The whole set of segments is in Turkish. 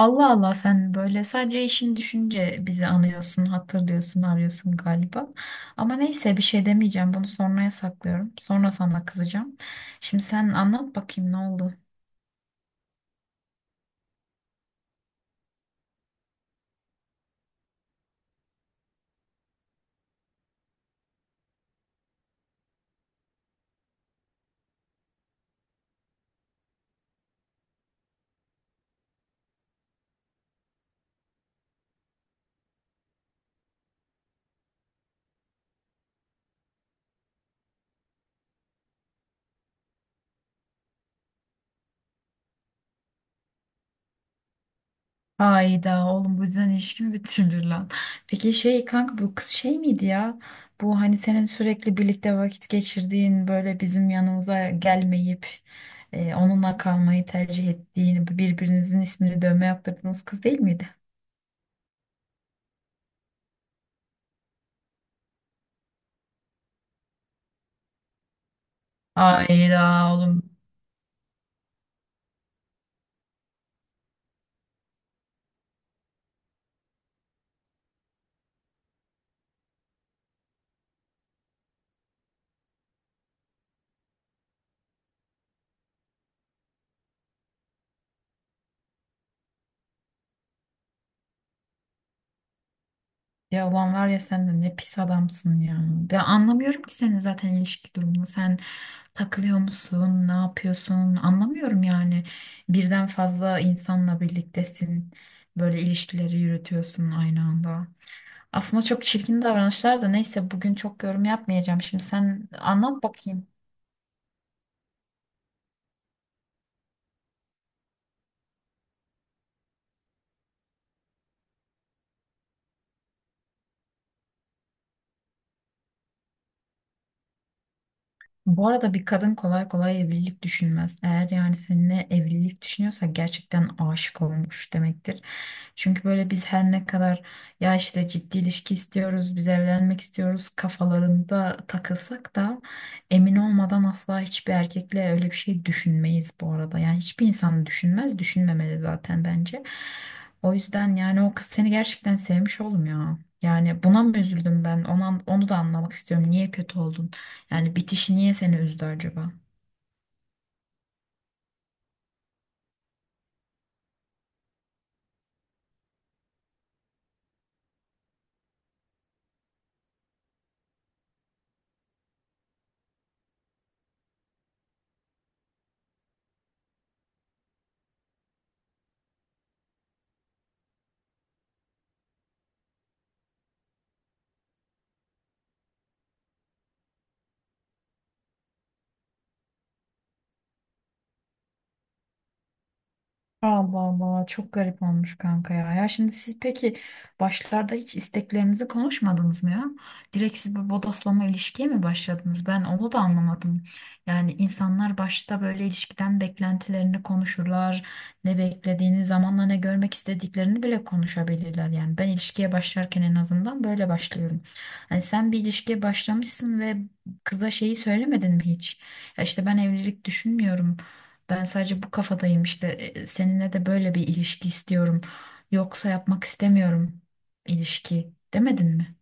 Allah Allah, sen böyle sadece işini düşünce bizi anıyorsun, hatırlıyorsun, arıyorsun galiba. Ama neyse bir şey demeyeceğim. Bunu sonraya saklıyorum. Sonra sana kızacağım. Şimdi sen anlat bakayım, ne oldu? Hayda oğlum, bu yüzden ilişkimi bitirir lan. Peki şey kanka, bu kız şey miydi ya? Bu hani senin sürekli birlikte vakit geçirdiğin, böyle bizim yanımıza gelmeyip onunla kalmayı tercih ettiğin, birbirinizin ismini dövme yaptırdığınız kız değil miydi? Hayda oğlum. Ya ulan var ya, sen de ne pis adamsın ya. Ben anlamıyorum ki senin zaten ilişki durumunu. Sen takılıyor musun? Ne yapıyorsun? Anlamıyorum yani. Birden fazla insanla birliktesin. Böyle ilişkileri yürütüyorsun aynı anda. Aslında çok çirkin davranışlar da neyse, bugün çok yorum yapmayacağım. Şimdi sen anlat bakayım. Bu arada bir kadın kolay kolay evlilik düşünmez. Eğer yani seninle evlilik düşünüyorsa gerçekten aşık olmuş demektir. Çünkü böyle biz her ne kadar ya işte ciddi ilişki istiyoruz, biz evlenmek istiyoruz kafalarında takılsak da emin olmadan asla hiçbir erkekle öyle bir şey düşünmeyiz bu arada. Yani hiçbir insan düşünmez, düşünmemeli zaten bence. O yüzden yani o kız seni gerçekten sevmiş oğlum ya. Yani buna mı üzüldüm ben? Ona, onu da anlamak istiyorum. Niye kötü oldun? Yani bitişi niye seni üzdü acaba? Allah Allah, çok garip olmuş kanka ya. Ya şimdi siz peki başlarda hiç isteklerinizi konuşmadınız mı ya? Direkt siz bir bodoslama ilişkiye mi başladınız? Ben onu da anlamadım. Yani insanlar başta böyle ilişkiden beklentilerini konuşurlar. Ne beklediğini, zamanla ne görmek istediklerini bile konuşabilirler. Yani ben ilişkiye başlarken en azından böyle başlıyorum. Hani sen bir ilişkiye başlamışsın ve kıza şeyi söylemedin mi hiç? Ya işte ben evlilik düşünmüyorum. Ben sadece bu kafadayım işte, seninle de böyle bir ilişki istiyorum. Yoksa yapmak istemiyorum ilişki demedin mi?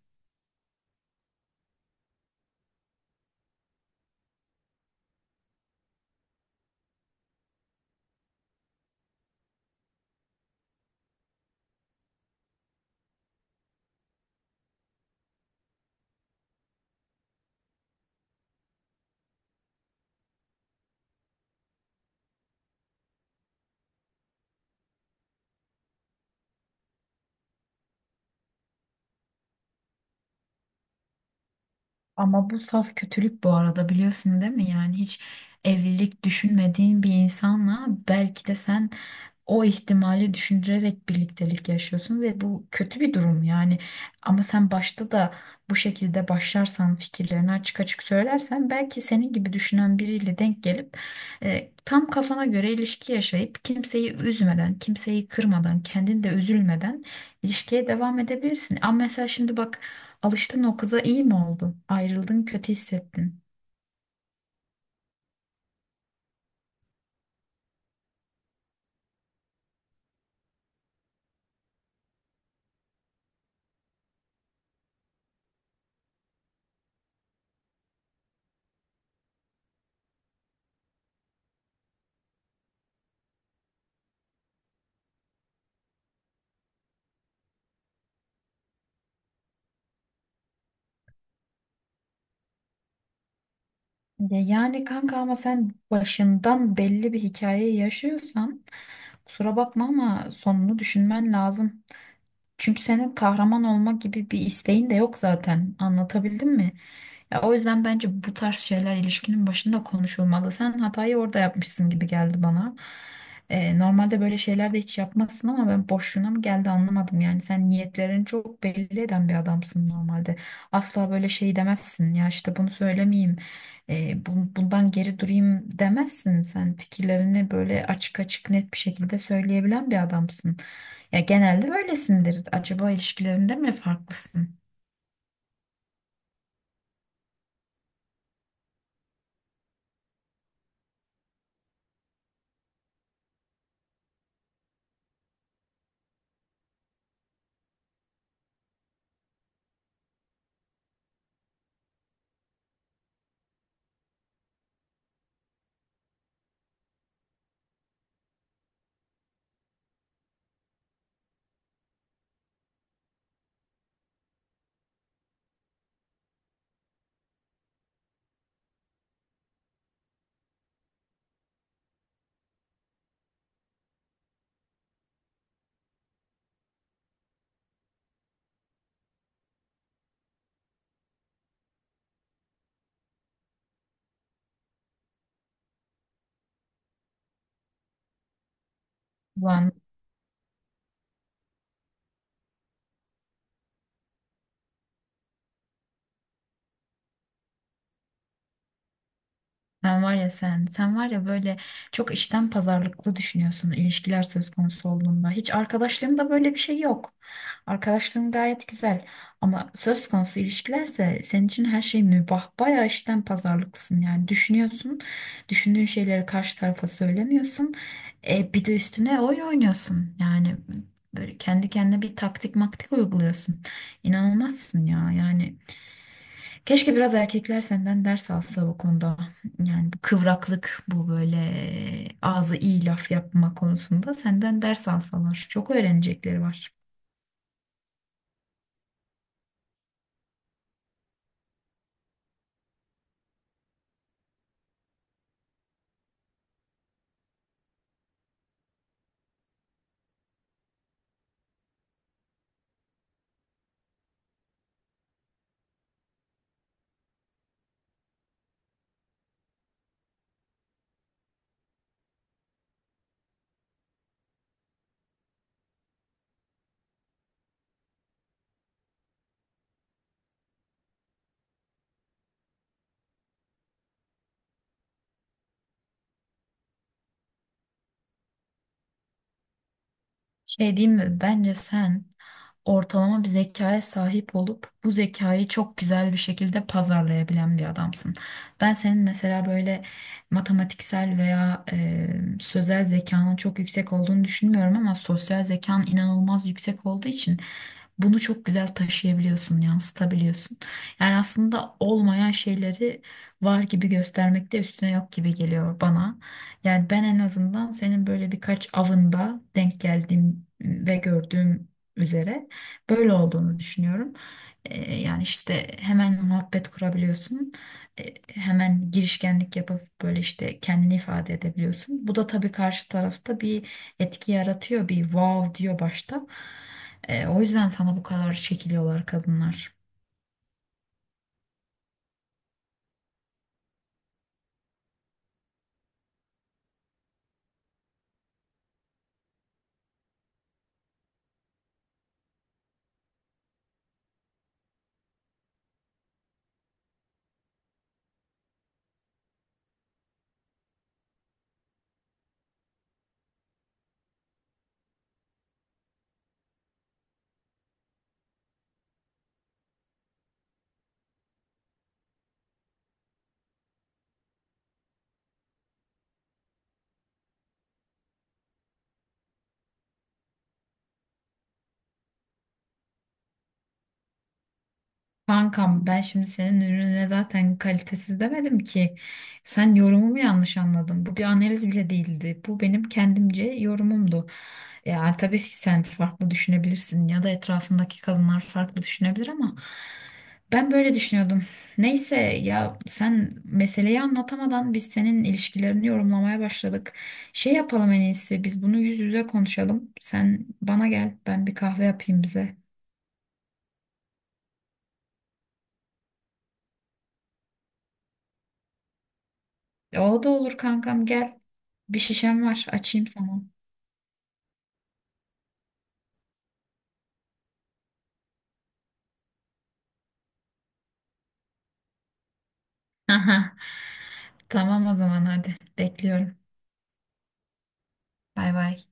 Ama bu saf kötülük bu arada, biliyorsun değil mi? Yani hiç evlilik düşünmediğin bir insanla belki de sen o ihtimali düşündürerek birliktelik yaşıyorsun ve bu kötü bir durum yani. Ama sen başta da bu şekilde başlarsan, fikirlerini açık açık söylersen, belki senin gibi düşünen biriyle denk gelip tam kafana göre ilişki yaşayıp, kimseyi üzmeden, kimseyi kırmadan, kendin de üzülmeden ilişkiye devam edebilirsin. Ama mesela şimdi bak, alıştın o kıza, iyi mi oldu? Ayrıldın, kötü hissettin. Ya yani kanka, ama sen başından belli bir hikayeyi yaşıyorsan kusura bakma ama sonunu düşünmen lazım. Çünkü senin kahraman olma gibi bir isteğin de yok zaten. Anlatabildim mi? Ya o yüzden bence bu tarz şeyler ilişkinin başında konuşulmalı. Sen hatayı orada yapmışsın gibi geldi bana. Normalde böyle şeyler de hiç yapmazsın ama ben, boşluğuna mı geldi, anlamadım. Yani sen niyetlerini çok belli eden bir adamsın normalde. Asla böyle şey demezsin. Ya işte bunu söylemeyeyim, bundan geri durayım demezsin. Sen fikirlerini böyle açık açık net bir şekilde söyleyebilen bir adamsın. Ya genelde böylesindir. Acaba ilişkilerinde mi farklısın? Ulan sen var ya, sen var ya, böyle çok işten pazarlıklı düşünüyorsun ilişkiler söz konusu olduğunda. Hiç arkadaşlığında böyle bir şey yok. Arkadaşlığın gayet güzel ama söz konusu ilişkilerse senin için her şey mübah. Bayağı işten pazarlıklısın yani, düşünüyorsun, düşündüğün şeyleri karşı tarafa söylemiyorsun. Bir de üstüne oyun oynuyorsun yani, böyle kendi kendine bir taktik maktik uyguluyorsun. İnanılmazsın ya yani. Keşke biraz erkekler senden ders alsa bu konuda. Yani bu kıvraklık, bu böyle ağzı iyi laf yapma konusunda senden ders alsalar. Çok öğrenecekleri var. Şey diyeyim mi? Bence sen ortalama bir zekaya sahip olup bu zekayı çok güzel bir şekilde pazarlayabilen bir adamsın. Ben senin mesela böyle matematiksel veya sözel zekanın çok yüksek olduğunu düşünmüyorum ama sosyal zekan inanılmaz yüksek olduğu için bunu çok güzel taşıyabiliyorsun, yansıtabiliyorsun. Yani aslında olmayan şeyleri var gibi göstermek de üstüne yok gibi geliyor bana. Yani ben en azından senin böyle birkaç avında denk geldiğim ve gördüğüm üzere böyle olduğunu düşünüyorum. Yani işte hemen muhabbet kurabiliyorsun. Hemen girişkenlik yapıp böyle işte kendini ifade edebiliyorsun. Bu da tabii karşı tarafta bir etki yaratıyor. Bir wow diyor başta. O yüzden sana bu kadar çekiliyorlar kadınlar. Kankam, ben şimdi senin ürününe zaten kalitesiz demedim ki. Sen yorumumu yanlış anladın. Bu bir analiz bile değildi. Bu benim kendimce yorumumdu. Ya tabii ki sen farklı düşünebilirsin ya da etrafındaki kadınlar farklı düşünebilir ama ben böyle düşünüyordum. Neyse ya, sen meseleyi anlatamadan biz senin ilişkilerini yorumlamaya başladık. Şey yapalım, en iyisi biz bunu yüz yüze konuşalım. Sen bana gel, ben bir kahve yapayım bize. O da olur kankam, gel. Bir şişem var, açayım sana. Tamam o zaman, hadi bekliyorum. Bay bay.